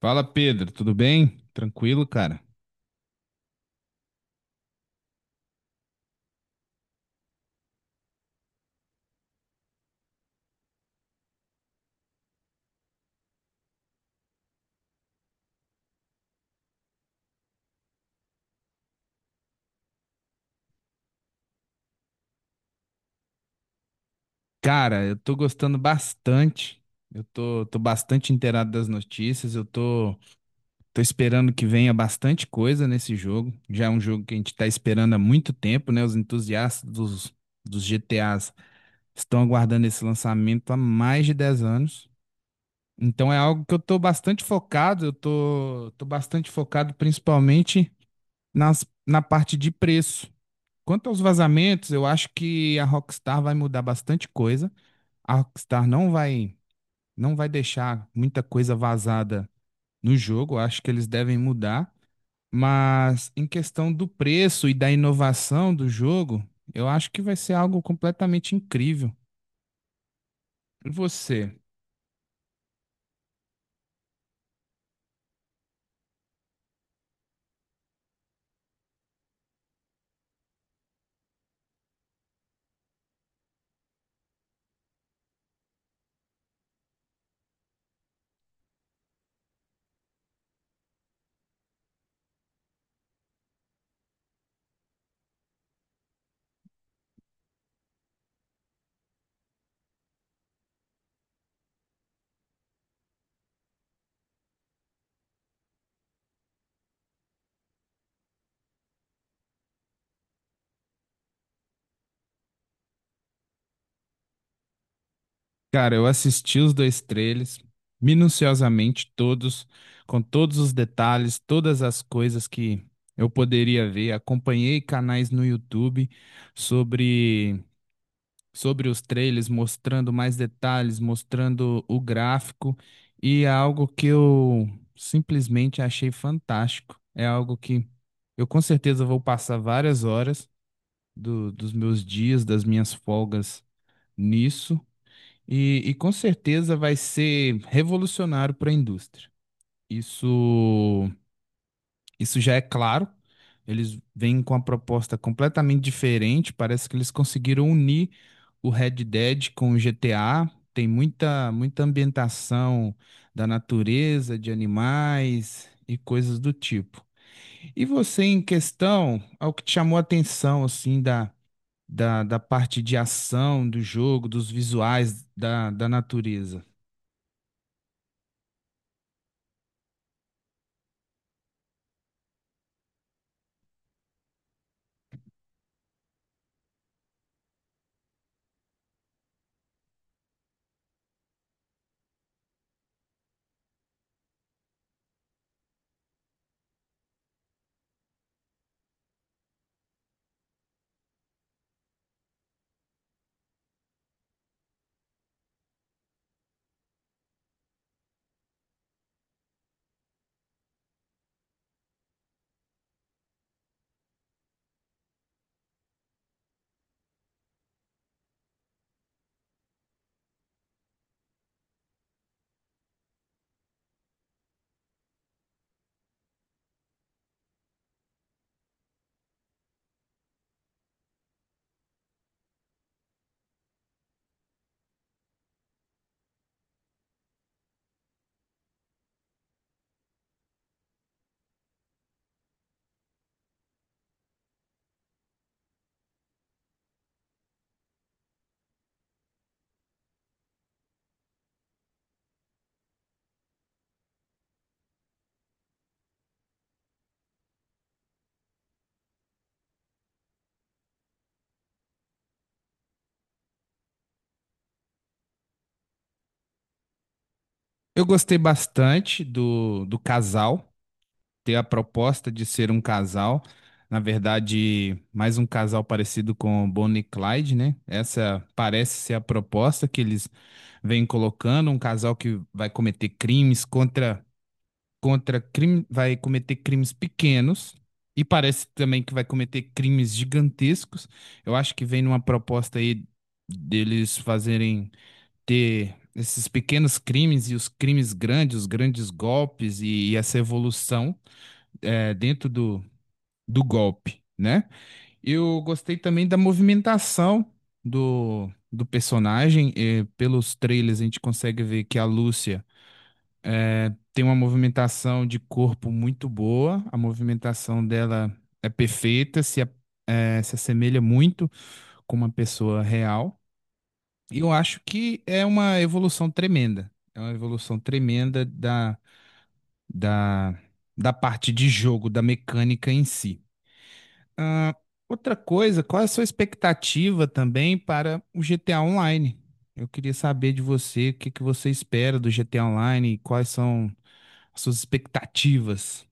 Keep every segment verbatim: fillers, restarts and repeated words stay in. Fala Pedro, tudo bem? Tranquilo, cara? Cara, eu tô gostando bastante. Eu tô, tô bastante inteirado das notícias. Eu tô, tô esperando que venha bastante coisa nesse jogo. Já é um jogo que a gente tá esperando há muito tempo, né? Os entusiastas dos, dos G T As estão aguardando esse lançamento há mais de dez anos. Então é algo que eu tô bastante focado. Eu tô, tô bastante focado principalmente nas, na parte de preço. Quanto aos vazamentos, eu acho que a Rockstar vai mudar bastante coisa. A Rockstar não vai, não vai deixar muita coisa vazada no jogo. Eu acho que eles devem mudar. Mas em questão do preço e da inovação do jogo, eu acho que vai ser algo completamente incrível. E você? Cara, eu assisti os dois trailers minuciosamente todos, com todos os detalhes, todas as coisas que eu poderia ver. Acompanhei canais no YouTube sobre sobre os trailers, mostrando mais detalhes, mostrando o gráfico e é algo que eu simplesmente achei fantástico. É algo que eu com certeza vou passar várias horas do- dos meus dias, das minhas folgas nisso. E, e com certeza vai ser revolucionário para a indústria. Isso, isso já é claro. Eles vêm com uma proposta completamente diferente. Parece que eles conseguiram unir o Red Dead com o G T A. Tem muita, muita ambientação da natureza, de animais e coisas do tipo. E você, em questão, ao que te chamou a atenção, assim, da, da, da parte de ação do jogo, dos visuais da, da natureza? Eu gostei bastante do, do casal, ter a proposta de ser um casal. Na verdade, mais um casal parecido com Bonnie e Clyde, né? Essa parece ser a proposta que eles vêm colocando, um casal que vai cometer crimes contra contra crime, vai cometer crimes pequenos e parece também que vai cometer crimes gigantescos. Eu acho que vem numa proposta aí deles fazerem ter esses pequenos crimes e os crimes grandes, os grandes golpes e, e essa evolução é, dentro do, do golpe, né? Eu gostei também da movimentação do, do personagem. Eh, pelos trailers a gente consegue ver que a Lúcia tem uma movimentação de corpo muito boa, a movimentação dela é perfeita, se, a- eh, se assemelha muito com uma pessoa real. E eu acho que é uma evolução tremenda. É uma evolução tremenda da, da, da parte de jogo, da mecânica em si. Ah, outra coisa, qual é a sua expectativa também para o G T A Online? Eu queria saber de você o que que você espera do G T A Online e quais são as suas expectativas.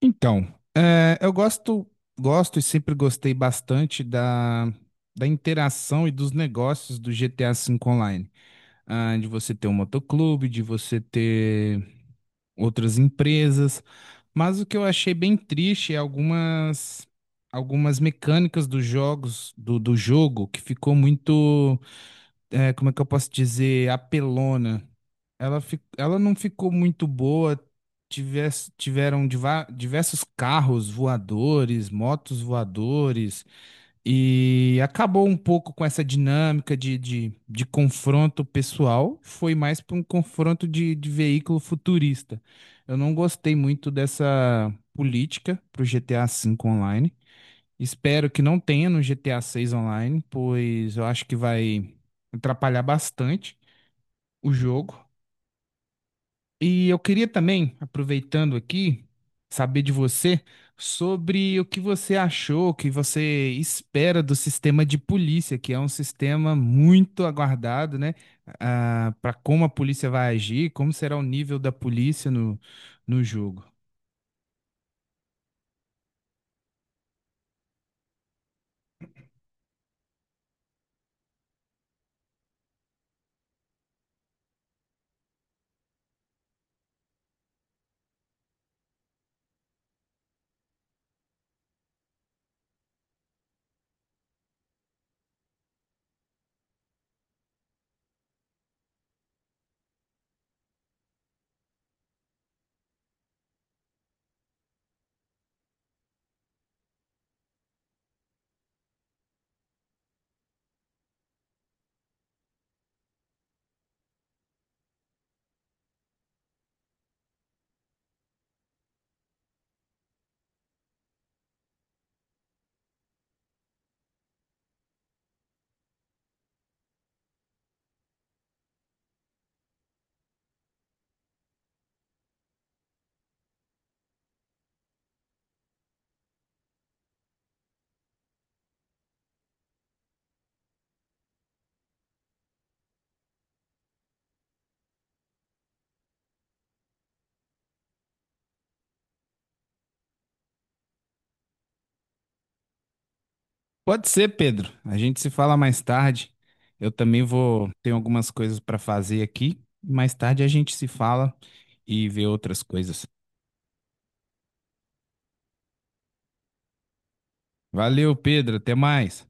Então, eh, eu gosto, gosto e sempre gostei bastante da, da interação e dos negócios do G T A cinco Online. Ah, de você ter um motoclube, de você ter outras empresas. Mas o que eu achei bem triste é algumas algumas mecânicas dos jogos do, do jogo que ficou muito, é, como é que eu posso dizer, apelona. Ela, fi- ela não ficou muito boa. Tivesse, tiveram diva- diversos carros voadores, motos voadores. E acabou um pouco com essa dinâmica de, de, de confronto pessoal, foi mais para um confronto de, de veículo futurista. Eu não gostei muito dessa política para o G T A cinco online. Espero que não tenha no G T A seis online, pois eu acho que vai atrapalhar bastante o jogo. E eu queria também, aproveitando aqui, saber de você sobre o que você achou, o que você espera do sistema de polícia, que é um sistema muito aguardado, né? Para como a polícia vai agir, como será o nível da polícia no, no jogo. Pode ser, Pedro. A gente se fala mais tarde. Eu também vou, tenho algumas coisas para fazer aqui. Mais tarde a gente se fala e vê outras coisas. Valeu, Pedro. Até mais.